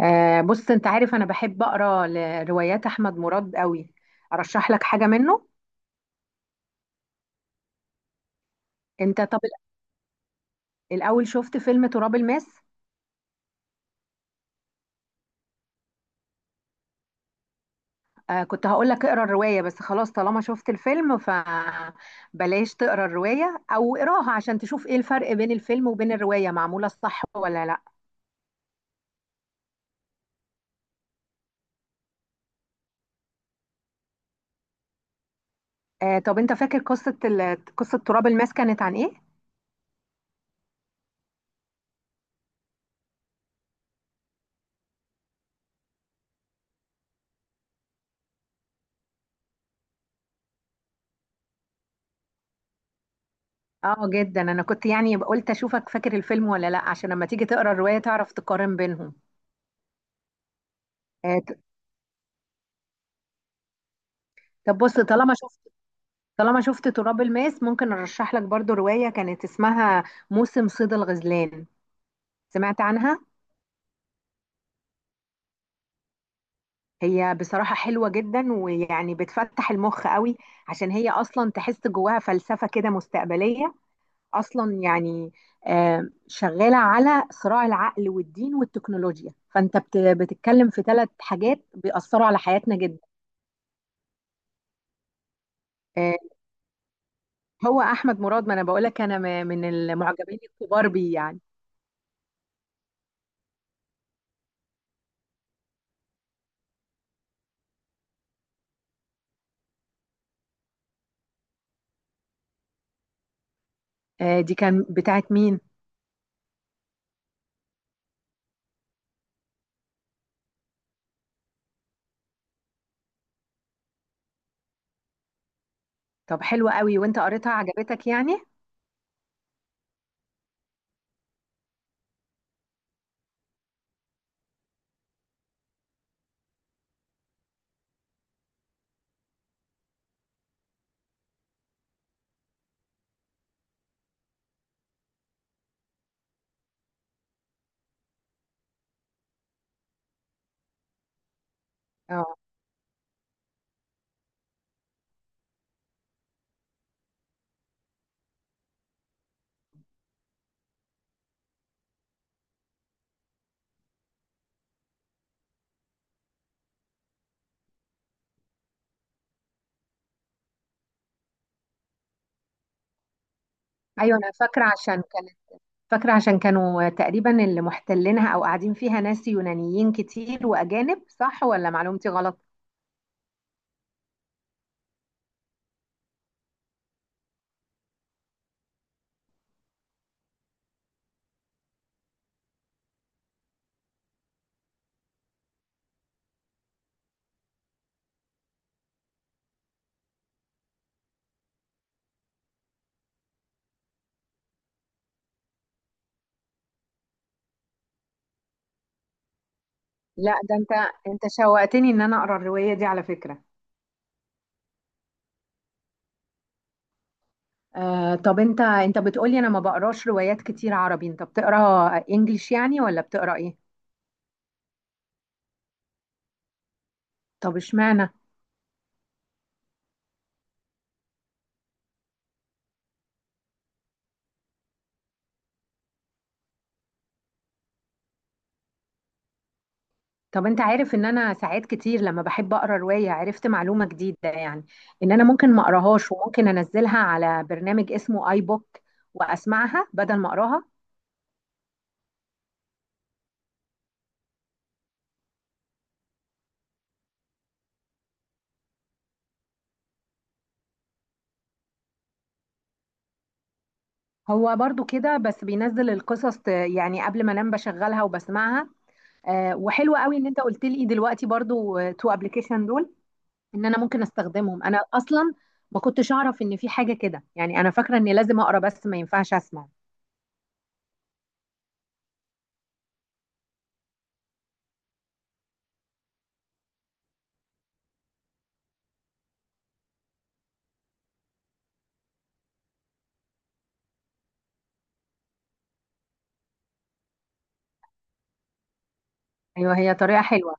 بص، انت عارف انا بحب اقرا لروايات احمد مراد قوي. ارشح لك حاجه منه. طب الاول شفت فيلم تراب الماس؟ كنت هقول لك اقرا الروايه، بس خلاص طالما شفت الفيلم فبلاش تقرا الروايه، او اقراها عشان تشوف ايه الفرق بين الفيلم وبين الروايه، معموله الصح ولا لا. طب انت فاكر قصه قصه تراب الماس كانت عن ايه؟ اه جدا، انا كنت يعني قلت اشوفك فاكر الفيلم ولا لا عشان لما تيجي تقرا الروايه تعرف تقارن بينهم. آه، ط- طب بص، طالما شفت تراب الماس ممكن ارشح لك برضو رواية كانت اسمها موسم صيد الغزلان. سمعت عنها؟ هي بصراحة حلوة جدا، ويعني بتفتح المخ قوي عشان هي اصلا تحس جواها فلسفة كده مستقبلية اصلا يعني. شغالة على صراع العقل والدين والتكنولوجيا، فانت بتتكلم في ثلاث حاجات بيأثروا على حياتنا جدا. آه، هو احمد مراد، ما انا بقولك انا من المعجبين الكبار بيه يعني. دي كان بتاعت مين؟ طب حلو قوي، وانت قريتها عجبتك يعني؟ اه ايوه، انا فاكره عشان كانت، فاكره عشان كانوا تقريبا اللي محتلينها او قاعدين فيها ناس يونانيين كتير واجانب، صح ولا معلومتي غلط؟ لا، ده انت انت شوقتني ان انا اقرا الروايه دي على فكره. طب انت بتقولي انا ما بقراش روايات كتير عربي، انت بتقرا انجليش يعني ولا بتقرا ايه؟ طب اشمعنى؟ طب انت عارف ان انا ساعات كتير لما بحب اقرا رواية عرفت معلومة جديدة يعني، ان انا ممكن ما اقراهاش وممكن انزلها على برنامج اسمه اي بوك واسمعها بدل ما اقراها. هو برضو كده، بس بينزل القصص يعني قبل ما انام بشغلها وبسمعها. وحلو قوي ان انت قلت لي دلوقتي برضو تو ابلكيشن دول، ان انا ممكن استخدمهم انا اصلا. ما كنتش اعرف ان في حاجة كده يعني، انا فاكرة اني لازم اقرا بس ما ينفعش اسمع. ايوه، هي طريقة حلوة.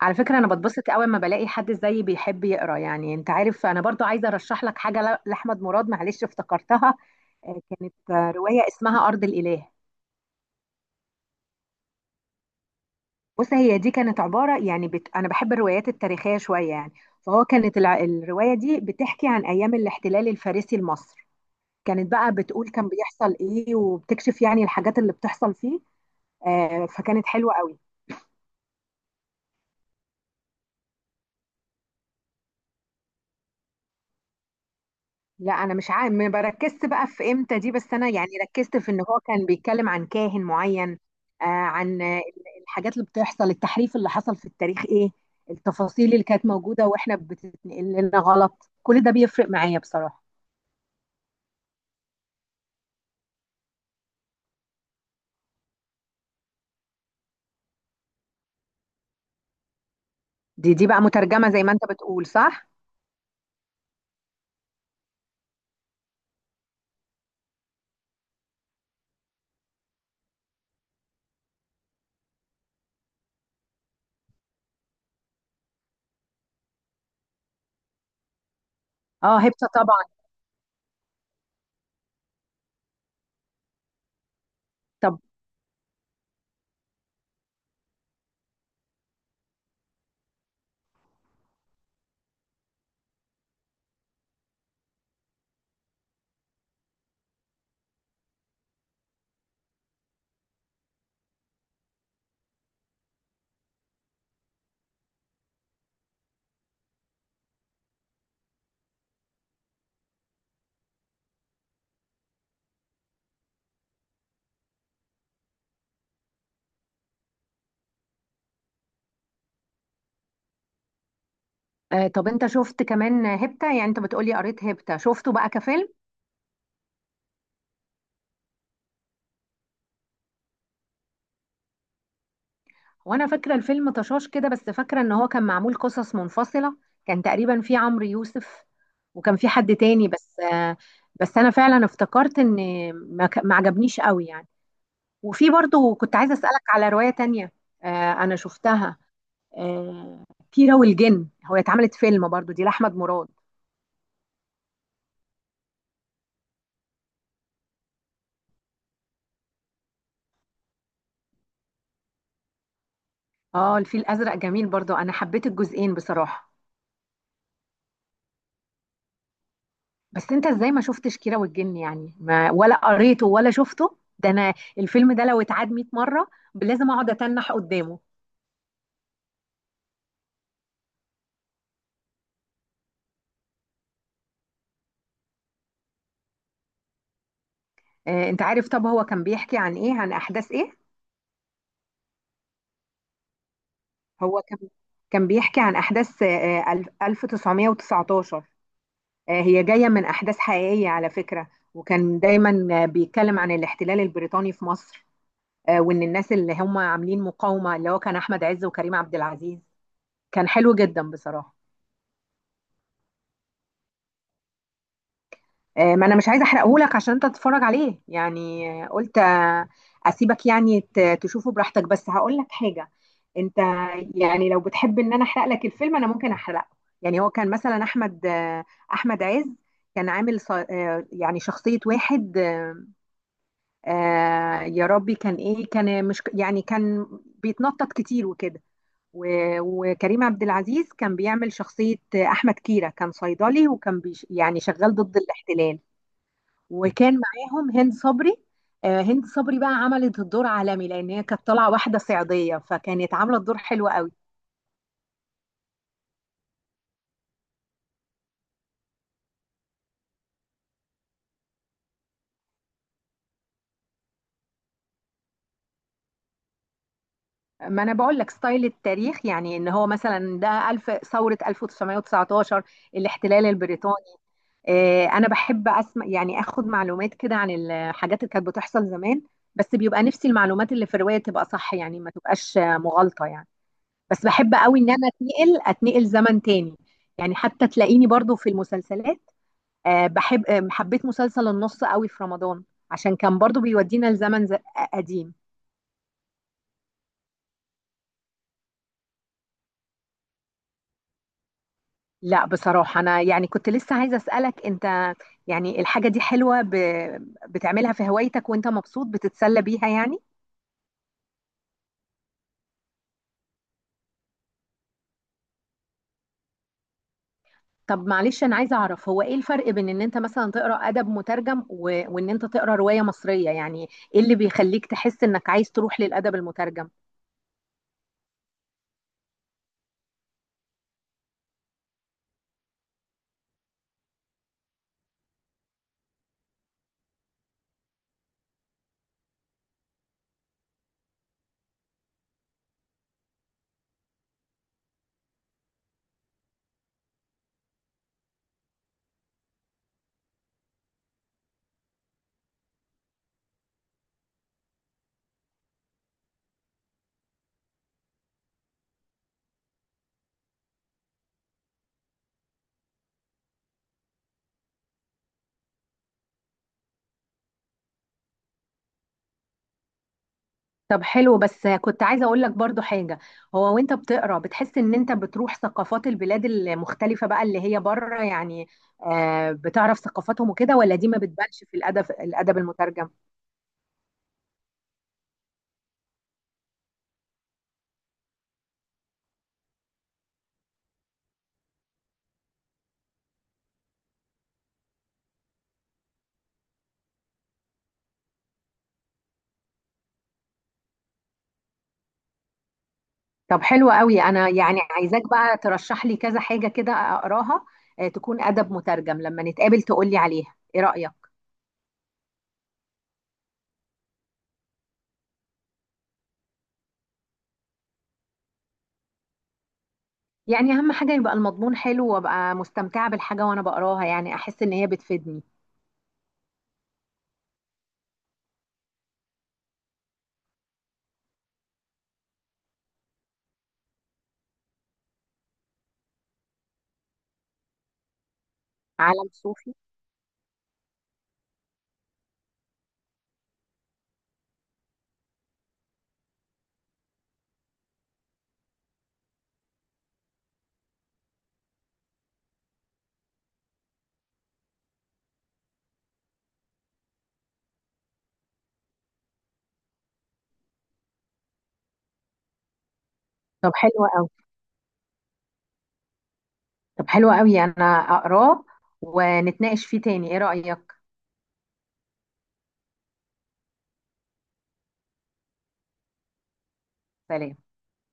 على فكرة أنا بتبسط قوي لما بلاقي حد زيي بيحب يقرأ يعني، أنت عارف أنا برضو عايزة أرشح لك حاجة لأحمد مراد، معلش افتكرتها. كانت رواية اسمها أرض الإله. بص، هي دي كانت عبارة يعني أنا بحب الروايات التاريخية شوية يعني. فهو كانت الرواية دي بتحكي عن أيام الاحتلال الفارسي لمصر، كانت بقى بتقول كان بيحصل إيه وبتكشف يعني الحاجات اللي بتحصل فيه. فكانت حلوة قوي. لا انا مش عارف، ما بركزت بقى في امتى دي، بس انا يعني ركزت في ان هو كان بيتكلم عن كاهن معين. آه عن آه، الحاجات اللي بتحصل، التحريف اللي حصل في التاريخ ايه، التفاصيل اللي كانت موجودة واحنا بتتنقل لنا غلط، كل ده بيفرق معايا بصراحة. دي بقى مترجمة زي ما انت بتقول، صح؟ اه، هبتة طبعا. طب، طب انت شفت كمان هبتة؟ يعني انت بتقولي قريت هبتة شفته بقى كفيلم. وانا فاكره الفيلم طشاش كده، بس فاكره ان هو كان معمول قصص منفصله. كان تقريبا في عمرو يوسف، وكان في حد تاني بس بس انا فعلا افتكرت ان ما عجبنيش قوي يعني. وفي برضو كنت عايزه اسالك على روايه تانية انا شفتها. آه، كيرة والجن، هو اتعملت فيلم برضو، دي لاحمد مراد. اه، الفيل الازرق جميل برضو، انا حبيت الجزئين بصراحه. بس انت ازاي ما شفتش كيرة والجن؟ يعني ما ولا قريته ولا شفته، ده انا الفيلم ده لو اتعاد 100 مرة لازم اقعد اتنح قدامه. اه انت عارف؟ طب هو كان بيحكي عن ايه، عن احداث ايه؟ هو كان كان بيحكي عن احداث 1919. اه هي جاية من احداث حقيقية على فكرة، وكان دايما بيتكلم عن الاحتلال البريطاني في مصر. اه وان الناس اللي هم عاملين مقاومة اللي هو كان احمد عز وكريم عبد العزيز. كان حلو جدا بصراحة. ما انا مش عايزه احرقهولك عشان انت تتفرج عليه يعني، قلت، اسيبك يعني تشوفه براحتك، بس هقول لك حاجه. انت يعني لو بتحب ان انا احرق لك الفيلم انا ممكن احرقه. يعني هو كان مثلا احمد احمد عز كان عامل يعني شخصيه واحد يا ربي كان ايه، كان مش يعني كان بيتنطط كتير وكده. و- وكريم عبد العزيز كان بيعمل شخصيه احمد كيرة، كان صيدلي وكان بيش يعني شغال ضد الاحتلال. وكان معاهم هند صبري. هند صبري بقى عملت الدور عالمي لان هي كانت طالعه واحده صعيديه فكانت عامله الدور حلو قوي. ما انا بقول لك ستايل التاريخ، يعني ان هو مثلا ده الف ثوره 1919، الاحتلال البريطاني. انا بحب اسمع يعني، اخد معلومات كده عن الحاجات اللي كانت بتحصل زمان، بس بيبقى نفسي المعلومات اللي في الروايه تبقى صح، يعني ما تبقاش مغالطه يعني. بس بحب قوي ان انا اتنقل زمن تاني، يعني حتى تلاقيني برضو في المسلسلات. بحب، حبيت مسلسل النص قوي في رمضان عشان كان برضو بيودينا لزمن قديم. لا بصراحة، أنا يعني كنت لسه عايزة أسألك أنت، يعني الحاجة دي حلوة بتعملها في هوايتك وأنت مبسوط بتتسلى بيها يعني؟ طب معلش، أنا عايزة أعرف هو إيه الفرق بين إن أنت مثلا تقرأ أدب مترجم وإن أنت تقرأ رواية مصرية يعني، إيه اللي بيخليك تحس إنك عايز تروح للأدب المترجم؟ طب حلو، بس كنت عايزة اقول لك برضو حاجة. هو وانت بتقرا بتحس ان انت بتروح ثقافات البلاد المختلفة بقى اللي هي بره يعني، بتعرف ثقافاتهم وكده، ولا دي ما بتبانش في الادب المترجم؟ طب حلو قوي، انا يعني عايزاك بقى ترشح لي كذا حاجة كده اقراها، تكون ادب مترجم، لما نتقابل تقول لي عليها ايه رأيك. يعني اهم حاجة يبقى المضمون حلو، وابقى مستمتعة بالحاجة وانا بقراها، يعني احس ان هي بتفيدني. عالم صوفي؟ طب حلو قوي. طب حلو قوي، انا اقراه ونتناقش فيه تاني، ايه رأيك؟ سلام.